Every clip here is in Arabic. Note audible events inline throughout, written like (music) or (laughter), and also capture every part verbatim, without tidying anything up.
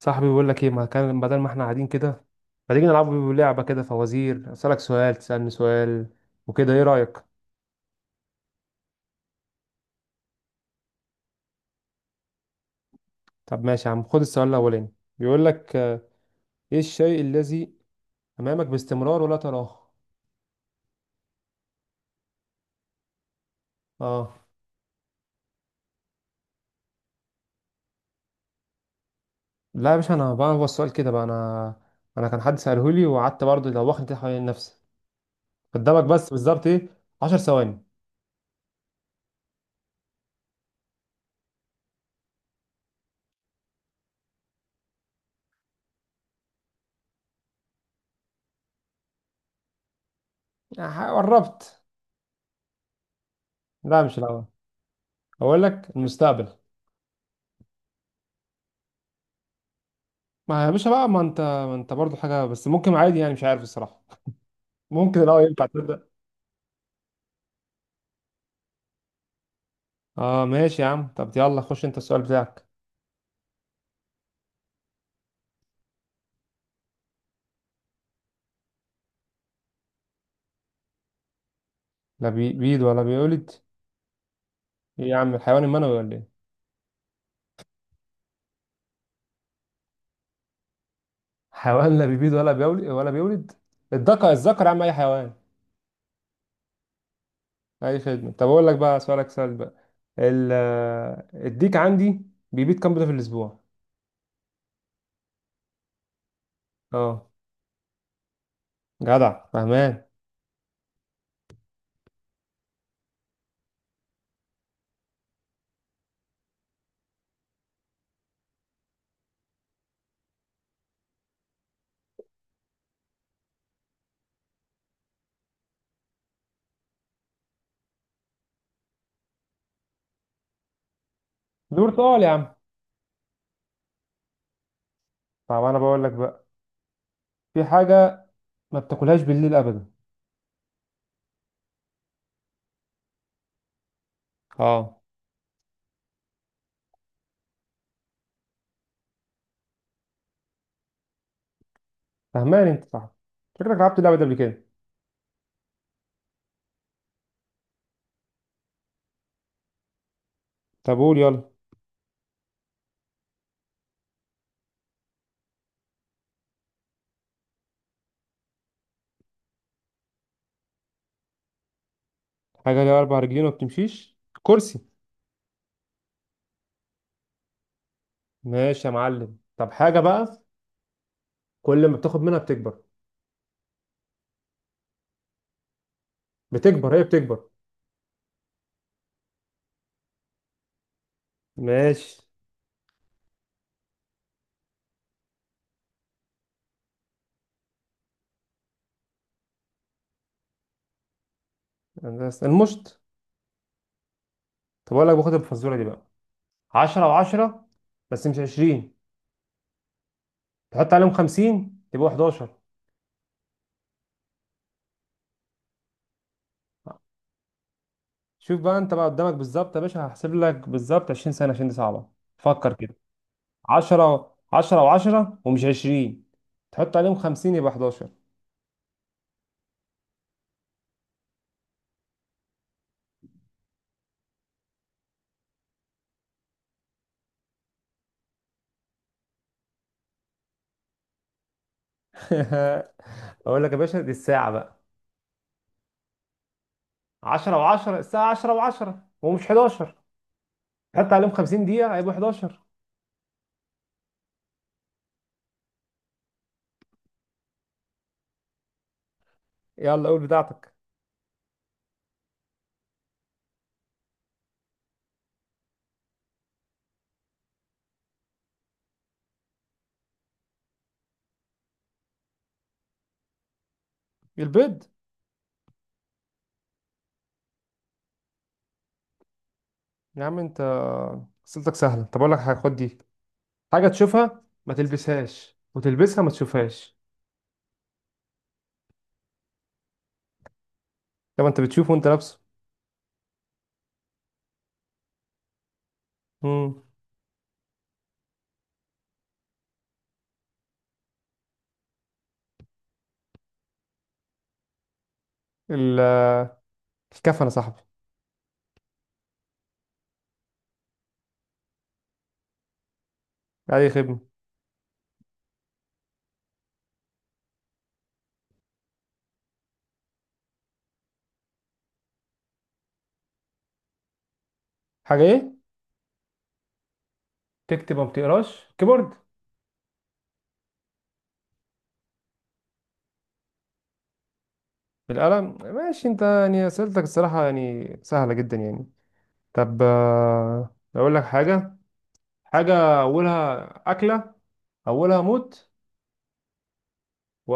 صاحبي بيقول لك ايه، ما كان بدل ما احنا قاعدين كده ما تيجي نلعب لعبه كده فوازير، اسالك سؤال تسالني سؤال وكده، ايه رايك؟ طب ماشي يا عم، خد السؤال الاولاني. بيقول لك آه، ايه الشيء الذي امامك باستمرار ولا تراه؟ اه. لا يا باشا، انا بقى هو السؤال كده بقى، انا انا كان حد ساله لي وقعدت برضه دوخني كده حوالين نفسي. قدامك بس بالظبط ايه؟ عشر ثواني. آه، قربت. لا مش الاول. اقول لك المستقبل. ما يا باشا بقى، ما انت ما انت برضه حاجه، بس ممكن عادي، يعني مش عارف الصراحه. ممكن اه ينفع تبدأ. اه ماشي يا عم، طب يلا خش انت السؤال بتاعك. لا بي- بيبيض ولا بيولد. ايه يا عم الحيوان المنوي ولا ايه؟ حيوان لا بيبيض ولا بيولد ولا بيولد الذكر، الذكر يا عم، اي حيوان. اي خدمة. طب اقول لك بقى سؤالك سؤال بقى. ال- آه، الديك عندي بيبيض كام بيضة في الاسبوع؟ اه. جدع فهمان. دور سؤال يا عم. طب انا بقول لك بقى، في حاجة ما بتاكلهاش بالليل ابدا. اه. فهمان انت، صح. شكلك لعبت اللعبة دي قبل كده. طب قول يلا. حاجة ليها أربع رجلين وما بتمشيش. كرسي. ماشي يا معلم. طب حاجة بقى كل ما بتاخد منها بتكبر. بتكبر، هي بتكبر. ماشي. بس المشط. طب أقول لك باخد الفزورة دي بقى. عشرة وعشرة بس مش عشرين، تحط عليهم خمسين يبقوا حداشر. شوف بقى أنت بقى قدامك بالظبط يا باشا، هحسب لك بالظبط عشرين سنة عشان دي صعبة. فكر كده. عشرة عشرة وعشرة ومش عشرين، تحط عليهم خمسين يبقى حداشر. (laughs) أقول لك يا باشا دي الساعة بقى. عشرة و10. الساعة عشرة و10، هو مش حداشر؟ حتى عليهم خمسين دقيقة هيبقوا حداشر. يلا قول بتاعتك. البيض. يا عم انت أسئلتك سهلة. طب أقول لك حاجة، خد دي. حاجة تشوفها ما تلبسهاش وتلبسها ما تشوفهاش. طب انت بتشوفه وانت لابسه. امم. ال- الكفن يا صاحبي. أي خدمة. حاجة ايه؟ تكتب وما بتقراش كيبورد. بالقلم. ماشي انت، يعني أسئلتك الصراحة يعني سهلة جدا يعني. طب آه، أقول لك حاجة. حاجة أولها أكلة، أولها موت و...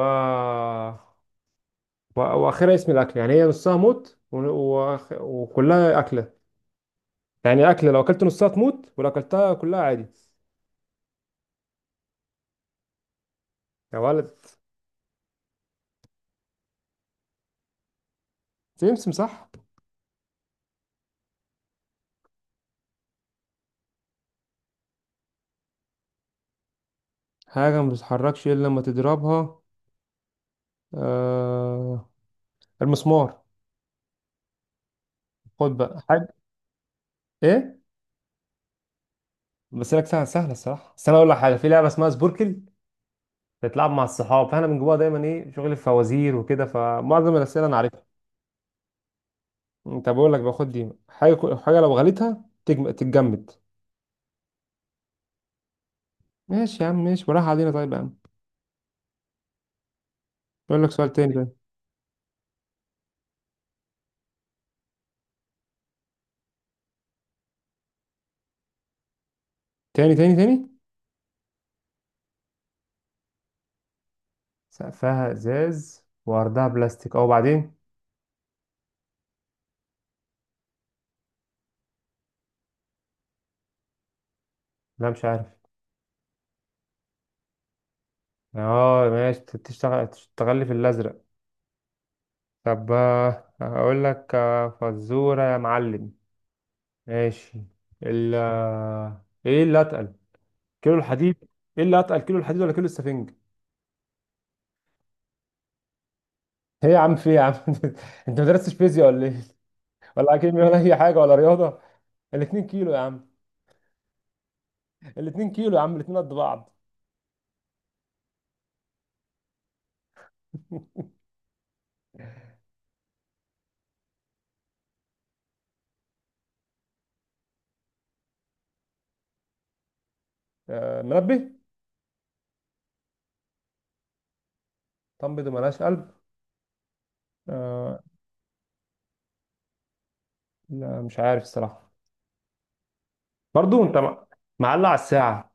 و... وآخرها اسم الأكل. يعني هي نصها موت و... و... وكلها أكلة. يعني أكلة لو أكلت نصها تموت ولو أكلتها كلها عادي. يا ولد. سمسم صح. حاجة ما بتتحركش إلا لما تضربها. آه... المسمار. خد بقى حاجة. إيه؟ بس لك سهلة، سهلة الصراحة. بس أنا أقول لك حاجة، في لعبة اسمها سبوركل بتتلعب مع الصحاب، فأنا من جواها دايما إيه شغل الفوازير وكده، فمعظم الأسئلة أنا عارفها. طب اقول لك باخد دي حاجه كو- حاجه لو غليتها تجم... تتجمد. ماشي يا عم ماشي، وراح علينا. طيب يا عم اقول لك سؤال تاني بقى. تاني تاني تاني. سقفها ازاز وعرضها بلاستيك، او بعدين. لا مش عارف. اه ماشي، تشتغل تشتغل لي في الازرق. طب آه، اقول لك آه، فزوره يا معلم. ماشي. ال آه، ايه اللي اتقل كيلو الحديد؟ ايه اللي اتقل كيلو الحديد ولا كيلو السفنج؟ ايه يا عم، في إيه يا عم (laughs) انت ما درستش فيزياء ولا ايه؟ ولا كيمياء ولا اي حاجه ولا رياضه. الاتنين كيلو يا عم، الاتنين كيلو يا عم، الاتنين قد بعض. آه، منبه. طنب دي ملهاش قلب. آه، لا مش عارف الصراحة. برضو انت م- معلق على الساعة.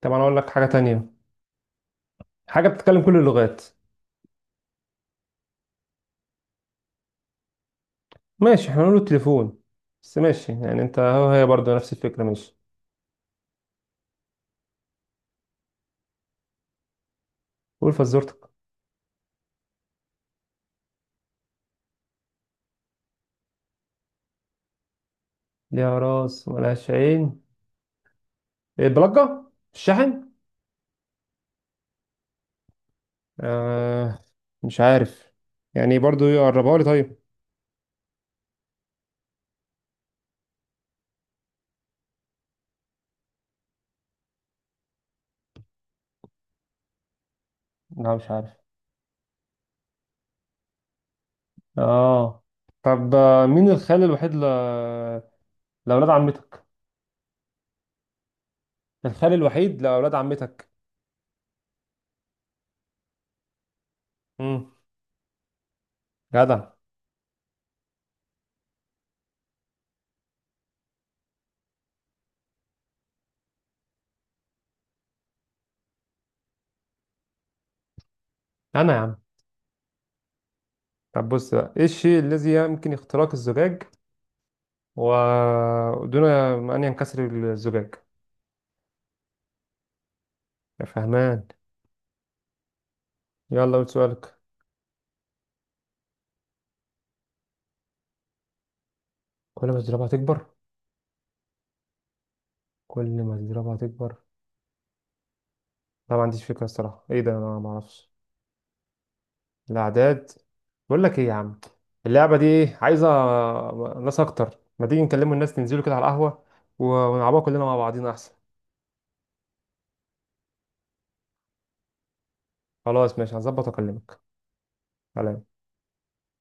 طب انا اقول لك حاجة تانية، حاجة بتتكلم كل اللغات. ماشي احنا نقول التليفون، بس ماشي، يعني انت هو هي برضو نفس الفكرة. ماشي، قول فزورتك. ليها راس ملهاش عين. ايه، بلجة الشحن؟ آه، مش عارف، يعني برضو يقربها لي طيب. لا مش عارف. اه. طب آه، مين الخال الوحيد ل... لأولاد عمتك؟ الخال الوحيد لأولاد عمتك. امم. جدع. أنا يا عم. طب بص بقى، إيه الشيء الذي يمكن اختراق الزجاج ودون أن ينكسر الزجاج؟ يا فهمان. يلا قول سؤالك. كل ما تضربها تكبر. كل ما تضربها تكبر. لا ما عنديش فكرة الصراحة، إيه ده، أنا ما أعرفش. الأعداد. بقول لك إيه يا عم، اللعبة دي إيه؟ عايزة ناس أكتر. ما تيجي نكلموا الناس ننزلوا كده على القهوة و- ونلعبوها كلنا مع بعضينا أحسن. خلاص ماشي، هظبط وأكلمك. سلام.